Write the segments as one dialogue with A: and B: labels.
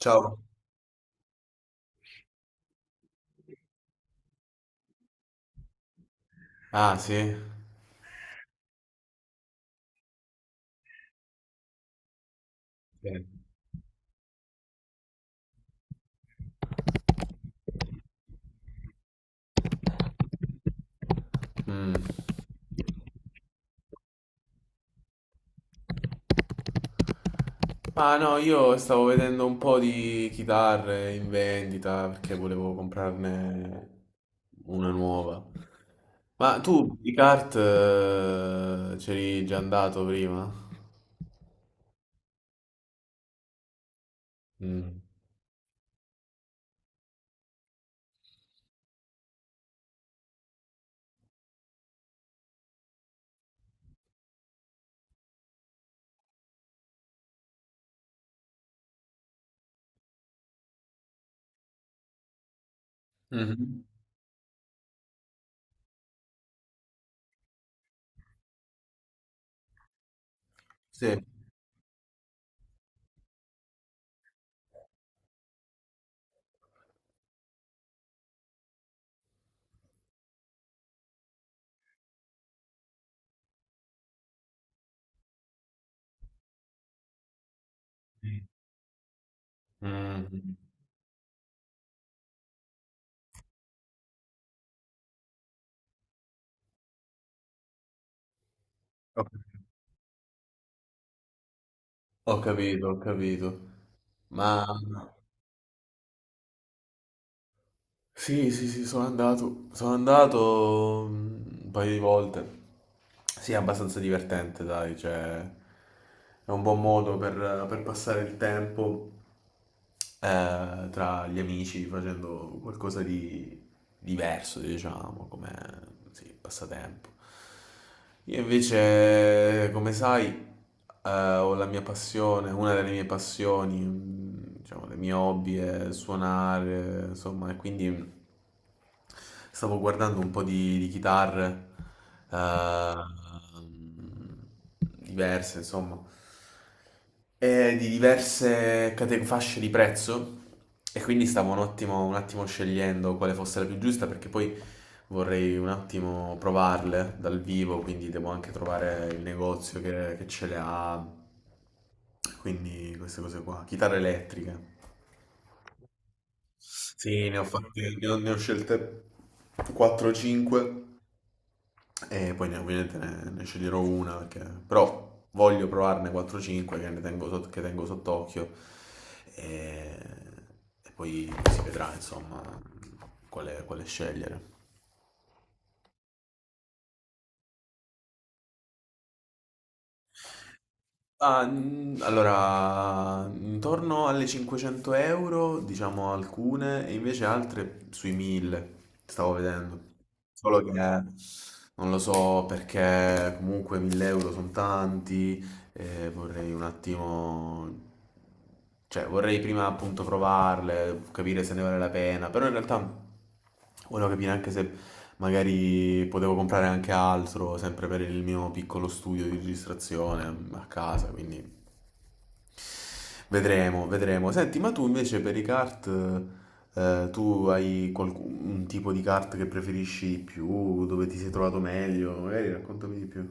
A: Ciao. Ah, sì. Bene. Mm. Ah no, io stavo vedendo un po' di chitarre in vendita perché volevo comprarne una nuova. Ma tu i kart c'eri già andato prima? Mm. Mhm. Sì. Mm. Ho ho capito, ho capito. Ma Sì, sì, sì, sono andato, un paio di volte. Sì, è abbastanza divertente, dai, cioè è un buon modo per passare il tempo tra gli amici facendo qualcosa di diverso, diciamo, come sì, passatempo. Io invece, come sai, ho la mia passione, una delle mie passioni, diciamo, le mie hobby è suonare, insomma, e quindi stavo guardando un po' di chitarre, eh, diverse, insomma, e di diverse fasce di prezzo e quindi stavo un attimo scegliendo quale fosse la più giusta perché poi vorrei un attimo provarle dal vivo, quindi devo anche trovare il negozio che ce le ha, quindi queste cose qua, chitarre elettriche. Sì, ne ho scelte 4-5 e poi ovviamente ne sceglierò una, però voglio provarne 4-5 che tengo sott'occhio e, e poi si vedrà insomma quale scegliere. Ah, allora, intorno alle 500 euro, diciamo alcune, e invece altre sui 1000, stavo vedendo. Solo che non lo so perché comunque 1000 euro sono tanti, e vorrei un attimo, cioè vorrei prima appunto provarle, capire se ne vale la pena, però in realtà volevo capire anche se magari potevo comprare anche altro, sempre per il mio piccolo studio di registrazione a casa, quindi vedremo, vedremo. Senti, ma tu invece per i kart, tu hai qualcun un tipo di kart che preferisci di più, dove ti sei trovato meglio? Magari raccontami di più.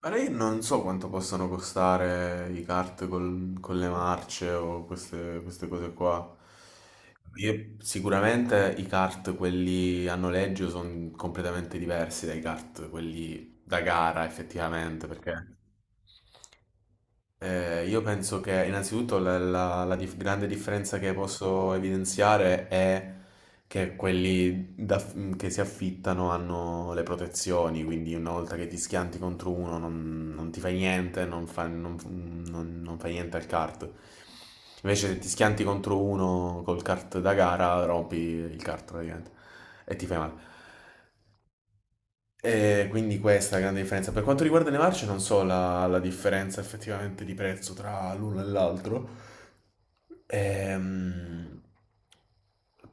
A: Allora io non so quanto possono costare i kart con le marce o queste cose qua. Sicuramente i kart, quelli a noleggio, sono completamente diversi dai kart, quelli da gara effettivamente, perché io penso che innanzitutto grande differenza che posso evidenziare è che quelli che si affittano hanno le protezioni, quindi una volta che ti schianti contro uno non ti fai niente, non fa, non- non- non fai niente al kart. Invece se ti schianti contro uno col kart da gara rompi il kart praticamente e ti fai male. E quindi questa è la grande differenza. Per quanto riguarda le marce, non so la differenza effettivamente di prezzo tra l'uno e l'altro. Ehm,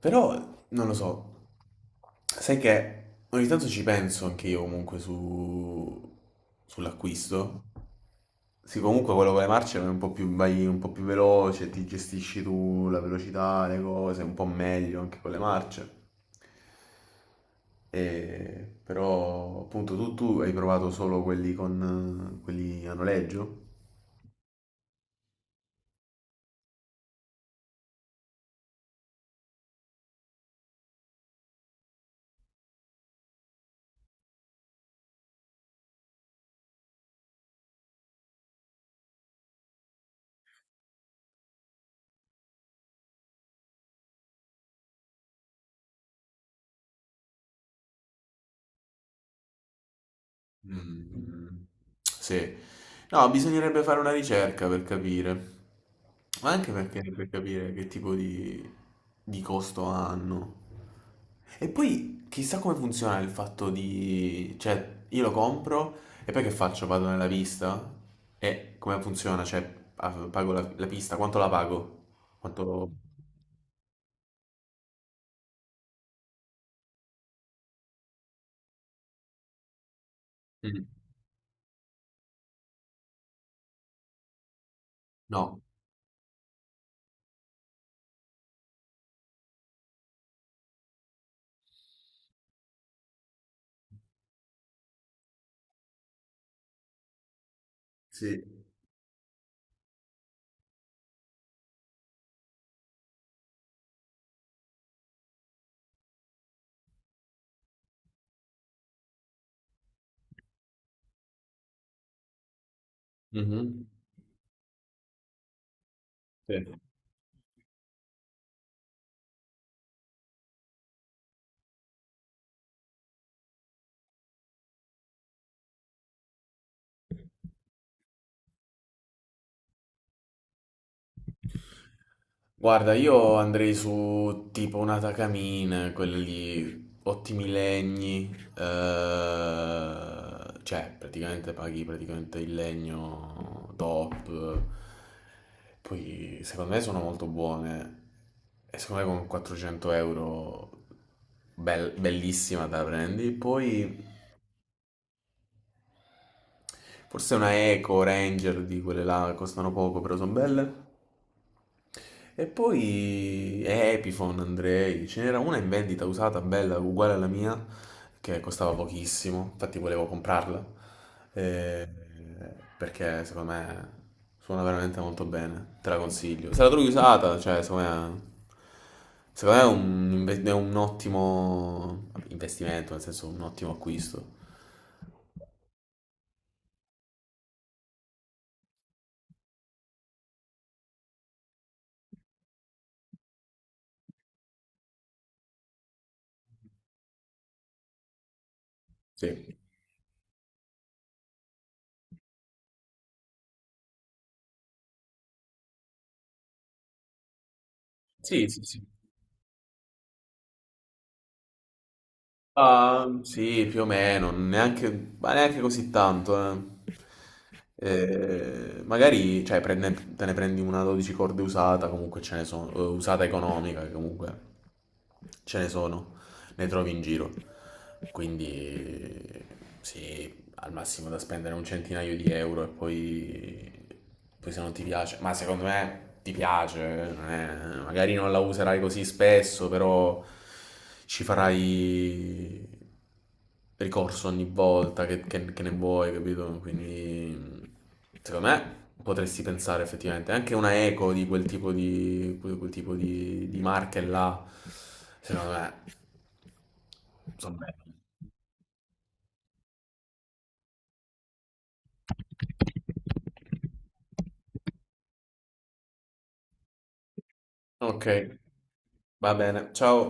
A: Però non lo so. Sai che ogni tanto ci penso anche io comunque sull'acquisto. Sì, comunque quello con le marce è un po' più, vai un po' più veloce, ti gestisci tu la velocità, le cose, un po' meglio anche con le marce. Però appunto tu hai provato solo quelli a noleggio? Mm, sì, no, bisognerebbe fare una ricerca per capire, ma anche perché per capire che tipo di costo hanno. E poi chissà come funziona il fatto di, cioè, io lo compro e poi che faccio? Vado nella pista? E come funziona? Cioè, ah, pago la pista, quanto la pago? Quanto. Mm. No. Sì. Mhm. Sì. Guarda, io andrei su tipo una Takamine, quelle lì, ottimi legni, cioè praticamente paghi praticamente il legno top, poi secondo me sono molto buone e secondo me con 400 euro bellissima te la prendi, poi forse una Eco Ranger di quelle là, costano poco però sono belle. E poi Epiphone, Andrei, ce n'era una in vendita usata, bella, uguale alla mia, che costava pochissimo, infatti volevo comprarla, eh, perché secondo me suona veramente molto bene, te la consiglio. Se la trovi usata, cioè secondo me è è un ottimo investimento, nel senso un ottimo acquisto. Sì, sì, sì. Sì. Ah, sì, più o meno, neanche, ma neanche così tanto. Magari, cioè, te ne prendi una 12 corde usata, comunque ce ne sono, usata economica, che comunque ce ne sono, ne trovi in giro. Quindi, sì, al massimo da spendere un centinaio di euro e poi se non ti piace, ma secondo me ti piace, non è- magari non la userai così spesso, però ci farai ricorso ogni volta che ne vuoi, capito? Quindi secondo me potresti pensare effettivamente anche una eco di quel tipo di, quel tipo di marche là, secondo me sono belle. Ok, va bene. Ciao.